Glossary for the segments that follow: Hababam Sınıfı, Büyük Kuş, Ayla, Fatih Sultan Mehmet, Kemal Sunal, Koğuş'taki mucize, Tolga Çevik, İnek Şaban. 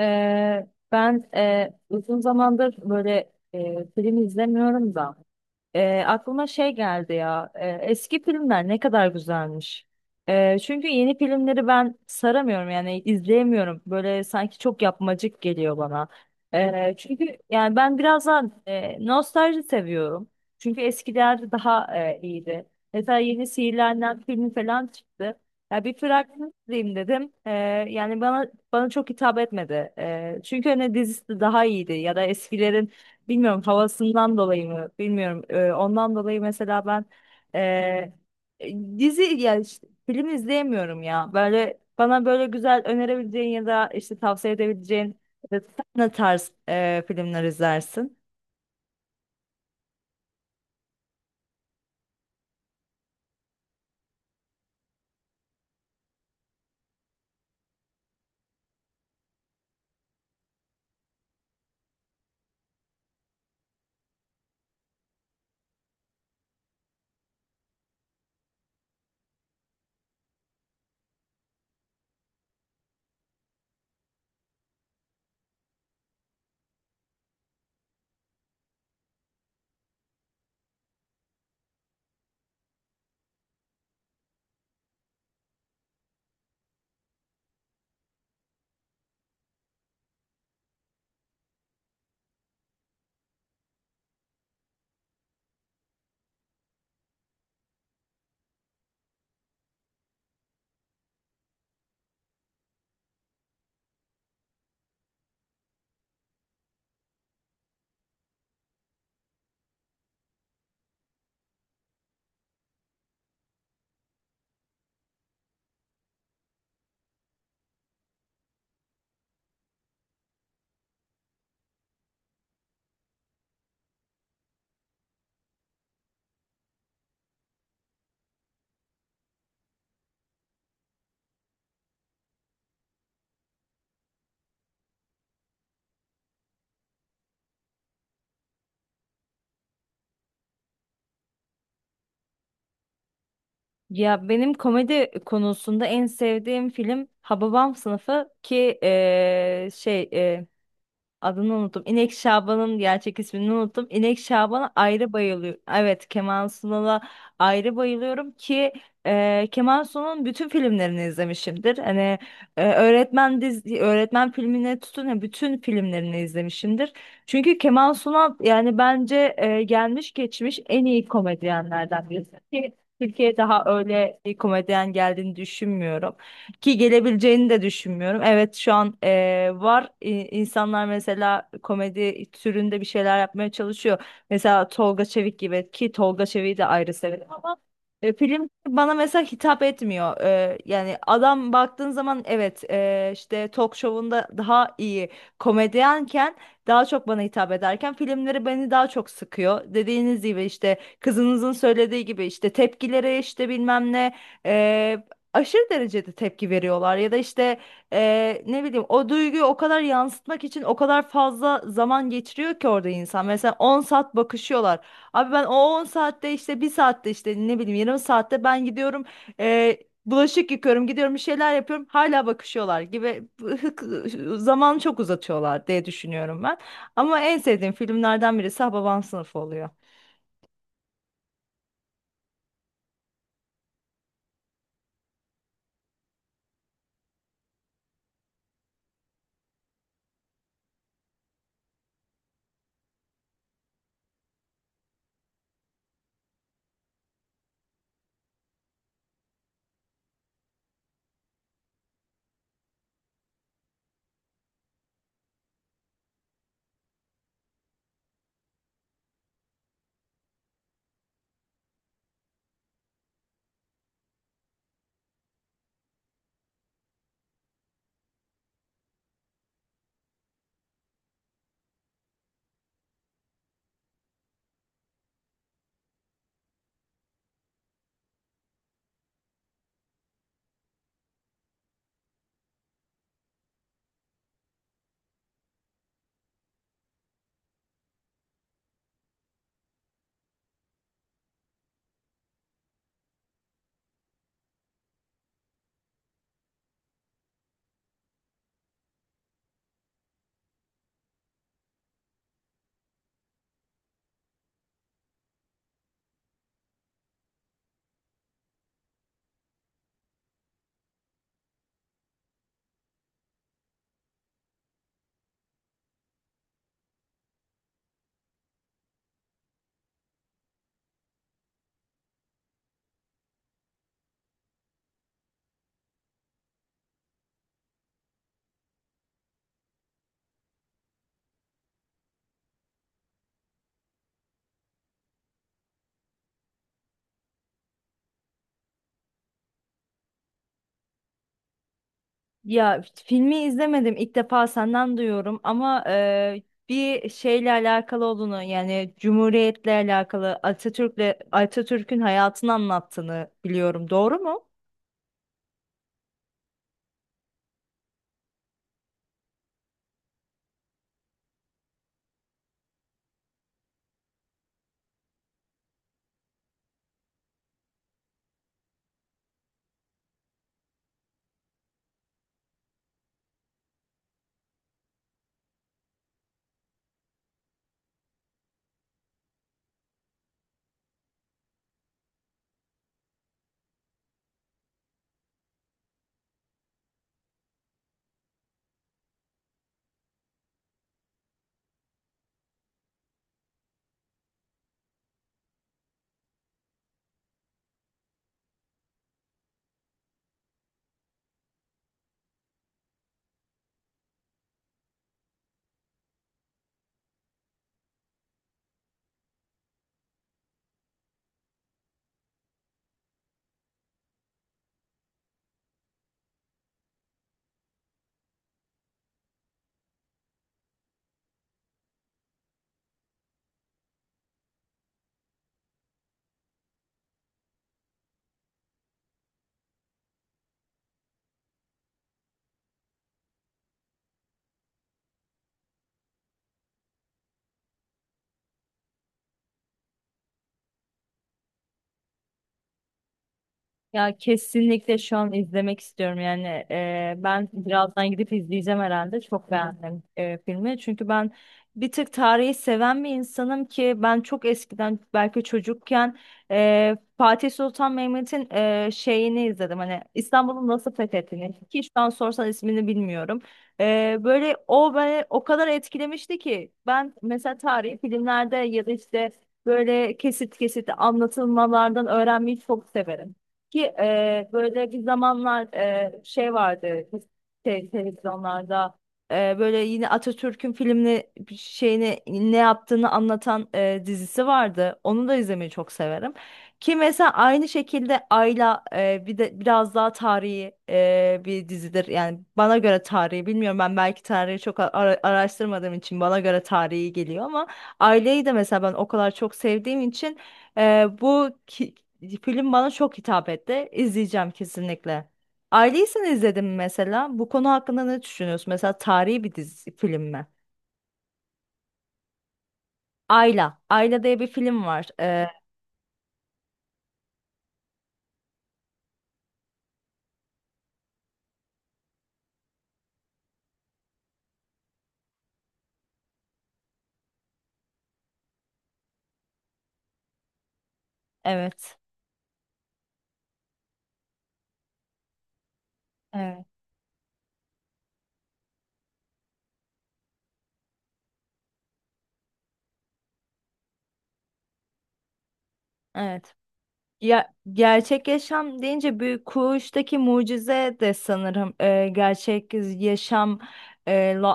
Ee, ben uzun zamandır böyle film izlemiyorum da. Aklıma şey geldi ya. Eski filmler ne kadar güzelmiş. Çünkü yeni filmleri ben saramıyorum, yani izleyemiyorum. Böyle sanki çok yapmacık geliyor bana. Çünkü yani ben biraz daha nostalji seviyorum. Çünkü eskiler daha iyiydi. Mesela yeni Sihirlenen filmi falan çıktı. Ya bir fragman izleyeyim dedim. Yani bana çok hitap etmedi. Çünkü hani dizisi daha iyiydi ya da eskilerin. Bilmiyorum, havasından dolayı mı? Bilmiyorum. Ondan dolayı mesela ben eee, dizi, yani işte film izleyemiyorum ya. Böyle bana böyle güzel önerebileceğin ya da işte tavsiye edebileceğin sen ne tarz filmler izlersin? Ya benim komedi konusunda en sevdiğim film Hababam Sınıfı, ki Adını unuttum. İnek Şaban'ın gerçek ismini unuttum. İnek Şaban'a ayrı bayılıyorum. Evet, Kemal Sunal'a ayrı bayılıyorum, ki Kemal Sunal'ın bütün filmlerini izlemişimdir. Hani öğretmen dizi, öğretmen filmine tutun ya bütün filmlerini izlemişimdir. Çünkü Kemal Sunal yani bence gelmiş geçmiş en iyi komedyenlerden birisi. Ki Türkiye'ye daha öyle bir komedyen geldiğini düşünmüyorum. Ki gelebileceğini de düşünmüyorum. Evet, şu an var, insanlar mesela komedi türünde bir şeyler yapmaya çalışıyor. Mesela Tolga Çevik gibi, ki Tolga Çevik'i de ayrı severim. Film bana mesela hitap etmiyor. Yani adam baktığın zaman, evet, işte talk show'unda daha iyi komedyenken daha çok bana hitap ederken, filmleri beni daha çok sıkıyor. Dediğiniz gibi, işte kızınızın söylediği gibi, işte tepkilere, işte bilmem ne, e, aşırı derecede tepki veriyorlar ya da işte ne bileyim, o duyguyu o kadar yansıtmak için o kadar fazla zaman geçiriyor ki orada insan. Mesela 10 saat bakışıyorlar. Abi ben o 10 saatte, işte bir saatte, işte ne bileyim, yarım saatte ben gidiyorum, e, bulaşık yıkıyorum, gidiyorum, bir şeyler yapıyorum, hala bakışıyorlar gibi. Zamanı çok uzatıyorlar diye düşünüyorum ben. Ama en sevdiğim filmlerden birisi Hababam Sınıfı oluyor. Ya filmi izlemedim, ilk defa senden duyuyorum, ama bir şeyle alakalı olduğunu, yani Cumhuriyet'le alakalı, Atatürk'le, Atatürk'ün hayatını anlattığını biliyorum. Doğru mu? Ya kesinlikle şu an izlemek istiyorum, yani ben birazdan gidip izleyeceğim herhalde, çok beğendim filmi, çünkü ben bir tık tarihi seven bir insanım. Ki ben çok eskiden, belki çocukken, Fatih Sultan Mehmet'in şeyini izledim, hani İstanbul'un nasıl fethettiğini, ki şu an sorsan ismini bilmiyorum. Böyle o beni o kadar etkilemişti ki ben mesela tarihi filmlerde ya da işte böyle kesit kesit anlatılmalardan öğrenmeyi çok severim. Ki böyle bir zamanlar şey vardı, televizyonlarda, böyle yine Atatürk'ün filmini, bir şeyini, ne yaptığını anlatan dizisi vardı. Onu da izlemeyi çok severim. Ki mesela aynı şekilde Ayla bir de biraz daha tarihi bir dizidir. Yani bana göre tarihi, bilmiyorum, ben belki tarihi çok araştırmadığım için bana göre tarihi geliyor ama Aileyi de mesela ben o kadar çok sevdiğim için ee, bu ki- film bana çok hitap etti. İzleyeceğim kesinlikle. Aileysen izledim mi mesela. Bu konu hakkında ne düşünüyorsun? Mesela tarihi bir dizi film mi? Ayla. Ayla diye bir film var. Evet. Evet. Evet. Ya gerçek yaşam deyince Büyük Kuş'taki mucize de sanırım gerçek yaşamla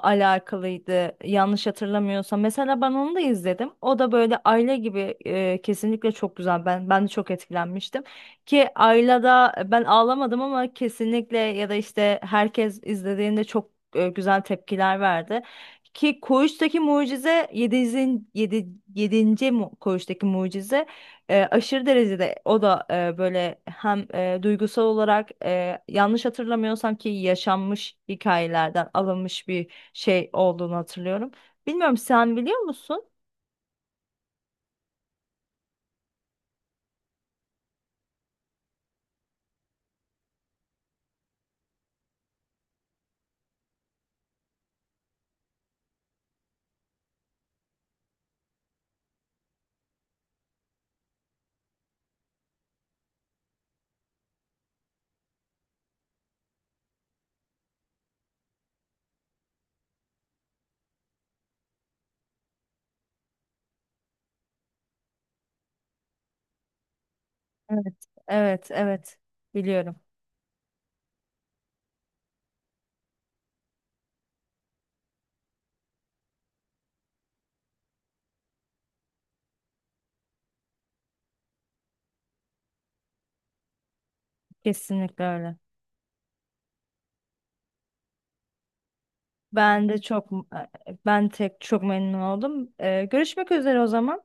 alakalıydı, yanlış hatırlamıyorsam. Mesela ben onu da izledim. O da böyle Ayla gibi, kesinlikle çok güzel. Ben de çok etkilenmiştim. Ki Ayla'da ben ağlamadım ama kesinlikle, ya da işte herkes izlediğinde çok güzel tepkiler verdi. Ki Koğuş'taki mucize yedinci 7. 7. Koğuş'taki mucize aşırı derecede, o da böyle hem duygusal olarak, yanlış hatırlamıyorsam ki yaşanmış hikayelerden alınmış bir şey olduğunu hatırlıyorum. Bilmiyorum, sen biliyor musun? Evet. Evet, evet. Biliyorum. Kesinlikle öyle. Ben de çok ben tek çok memnun oldum. Görüşmek üzere o zaman.